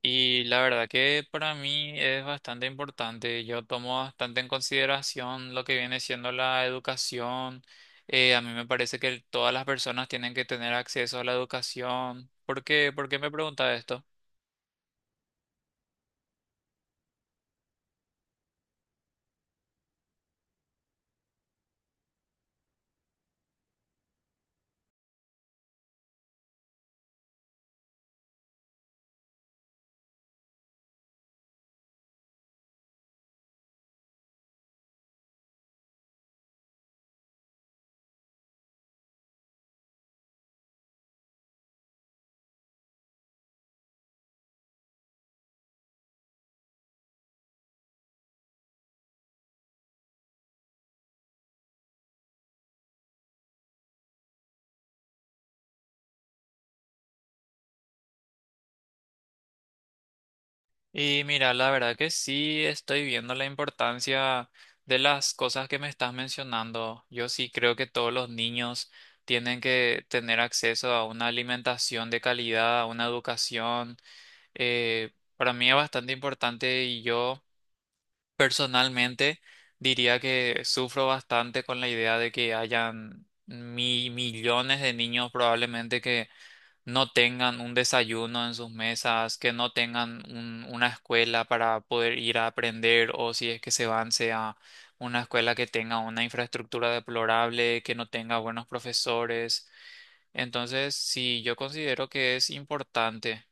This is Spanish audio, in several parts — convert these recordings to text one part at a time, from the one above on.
Y la verdad que para mí es bastante importante. Yo tomo bastante en consideración lo que viene siendo la educación. A mí me parece que todas las personas tienen que tener acceso a la educación. ¿Por qué? ¿Por qué me pregunta esto? Y mira, la verdad que sí estoy viendo la importancia de las cosas que me estás mencionando. Yo sí creo que todos los niños tienen que tener acceso a una alimentación de calidad, a una educación. Para mí es bastante importante y yo personalmente diría que sufro bastante con la idea de que hayan millones de niños probablemente que no tengan un desayuno en sus mesas, que no tengan una escuela para poder ir a aprender, o si es que se van sea una escuela que tenga una infraestructura deplorable, que no tenga buenos profesores. Entonces sí, yo considero que es importante.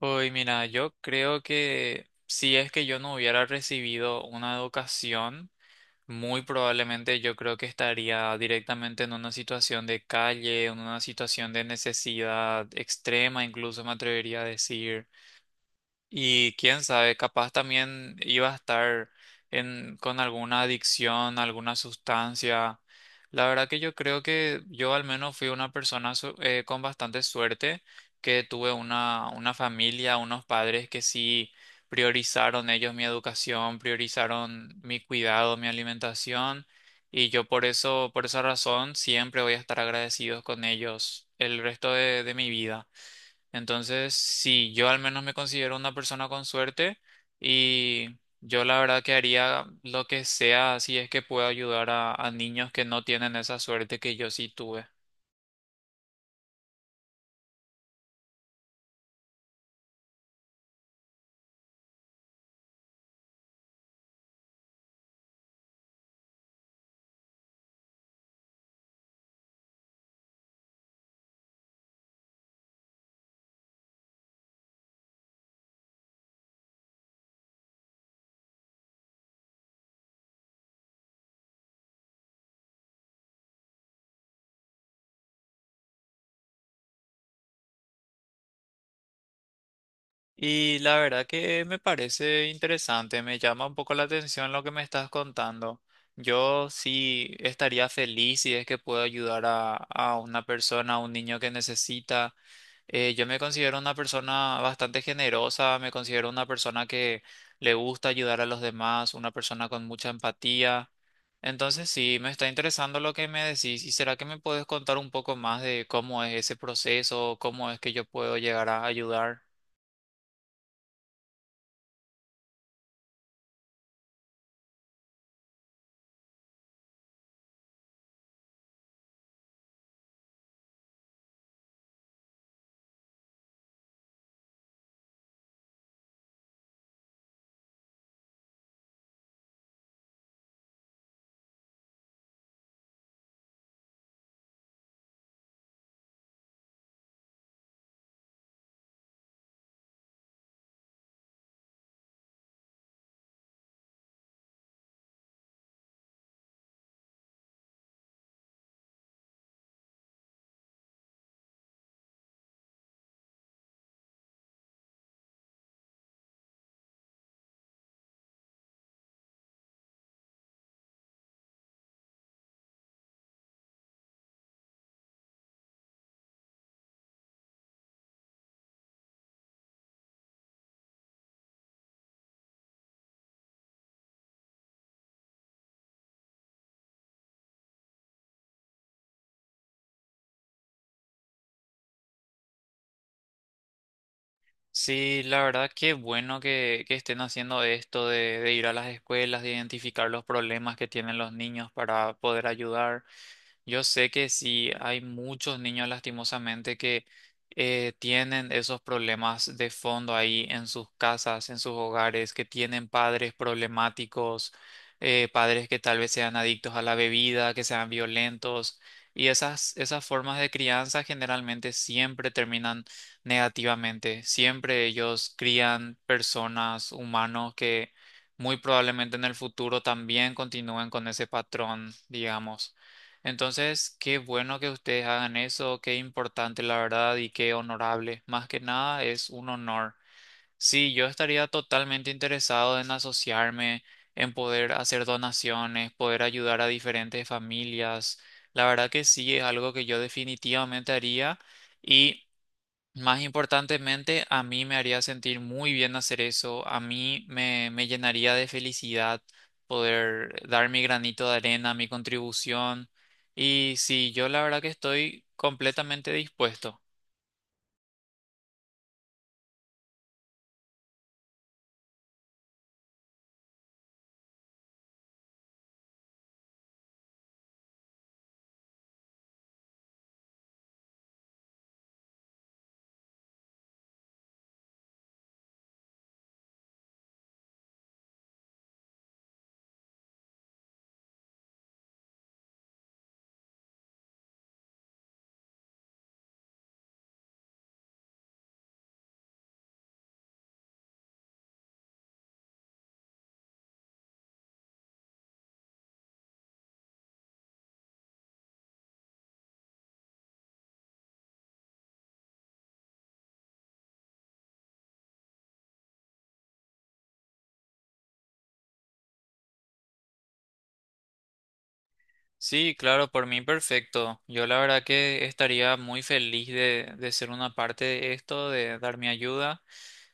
Uy, mira, yo creo que si es que yo no hubiera recibido una educación, muy probablemente yo creo que estaría directamente en una situación de calle, en una situación de necesidad extrema, incluso me atrevería a decir. Y quién sabe, capaz también iba a estar en, con alguna adicción, alguna sustancia. La verdad que yo creo que yo al menos fui una persona con bastante suerte, que tuve una familia, unos padres que sí priorizaron ellos mi educación, priorizaron mi cuidado, mi alimentación. Y yo por eso, por esa razón, siempre voy a estar agradecidos con ellos el resto de mi vida. Entonces sí, yo al menos me considero una persona con suerte, y yo la verdad que haría lo que sea si es que puedo ayudar a niños que no tienen esa suerte que yo sí tuve. Y la verdad que me parece interesante, me llama un poco la atención lo que me estás contando. Yo sí estaría feliz si es que puedo ayudar a una persona, a un niño que necesita. Yo me considero una persona bastante generosa, me considero una persona que le gusta ayudar a los demás, una persona con mucha empatía. Entonces sí, me está interesando lo que me decís. ¿Y será que me puedes contar un poco más de cómo es ese proceso, cómo es que yo puedo llegar a ayudar? Sí, la verdad que bueno que estén haciendo esto de ir a las escuelas, de identificar los problemas que tienen los niños para poder ayudar. Yo sé que sí, hay muchos niños lastimosamente que tienen esos problemas de fondo ahí en sus casas, en sus hogares, que tienen padres problemáticos, padres que tal vez sean adictos a la bebida, que sean violentos, y esas, esas formas de crianza generalmente siempre terminan negativamente. Siempre ellos crían personas, humanos que muy probablemente en el futuro también continúen con ese patrón, digamos. Entonces, qué bueno que ustedes hagan eso, qué importante la verdad y qué honorable. Más que nada es un honor. Sí, yo estaría totalmente interesado en asociarme, en poder hacer donaciones, poder ayudar a diferentes familias. La verdad que sí, es algo que yo definitivamente haría, y más importantemente, a mí me haría sentir muy bien hacer eso, a mí me, me llenaría de felicidad poder dar mi granito de arena, mi contribución. Y sí, yo la verdad que estoy completamente dispuesto. Sí, claro, por mí perfecto. Yo la verdad que estaría muy feliz de ser una parte de esto, de dar mi ayuda.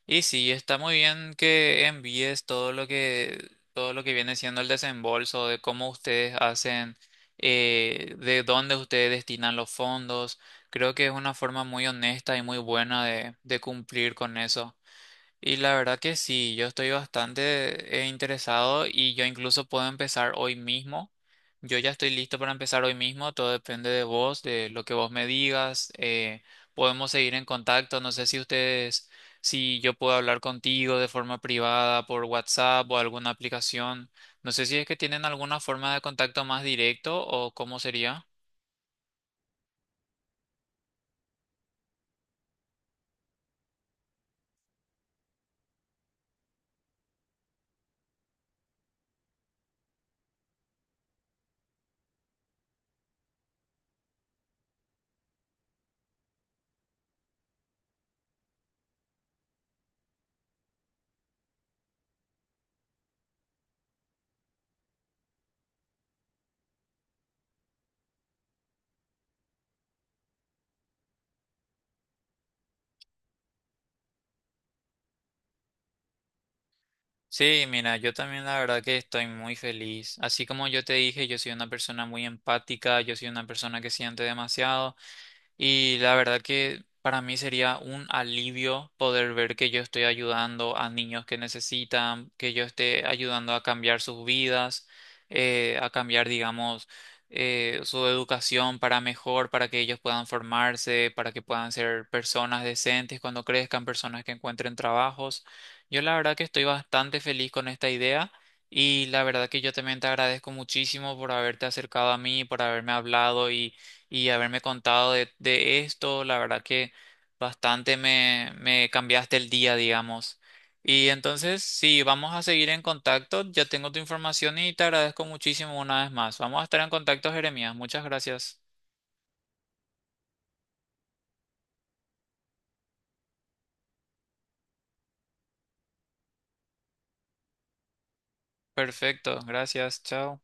Y sí, está muy bien que envíes todo lo que viene siendo el desembolso, de cómo ustedes hacen, de dónde ustedes destinan los fondos. Creo que es una forma muy honesta y muy buena de cumplir con eso. Y la verdad que sí, yo estoy bastante interesado, y yo incluso puedo empezar hoy mismo. Yo ya estoy listo para empezar hoy mismo, todo depende de vos, de lo que vos me digas. Podemos seguir en contacto, no sé si ustedes, si yo puedo hablar contigo de forma privada por WhatsApp o alguna aplicación. No sé si es que tienen alguna forma de contacto más directo o cómo sería. Sí, mira, yo también la verdad que estoy muy feliz. Así como yo te dije, yo soy una persona muy empática, yo soy una persona que siente demasiado. Y la verdad que para mí sería un alivio poder ver que yo estoy ayudando a niños que necesitan, que yo esté ayudando a cambiar sus vidas, a cambiar, digamos, su educación para mejor, para que ellos puedan formarse, para que puedan ser personas decentes cuando crezcan, personas que encuentren trabajos. Yo la verdad que estoy bastante feliz con esta idea. Y la verdad que yo también te agradezco muchísimo por haberte acercado a mí, por haberme hablado y haberme contado de esto. La verdad que bastante me, me cambiaste el día, digamos. Y entonces sí, vamos a seguir en contacto. Ya tengo tu información y te agradezco muchísimo una vez más. Vamos a estar en contacto, Jeremías. Muchas gracias. Perfecto, gracias. Chao.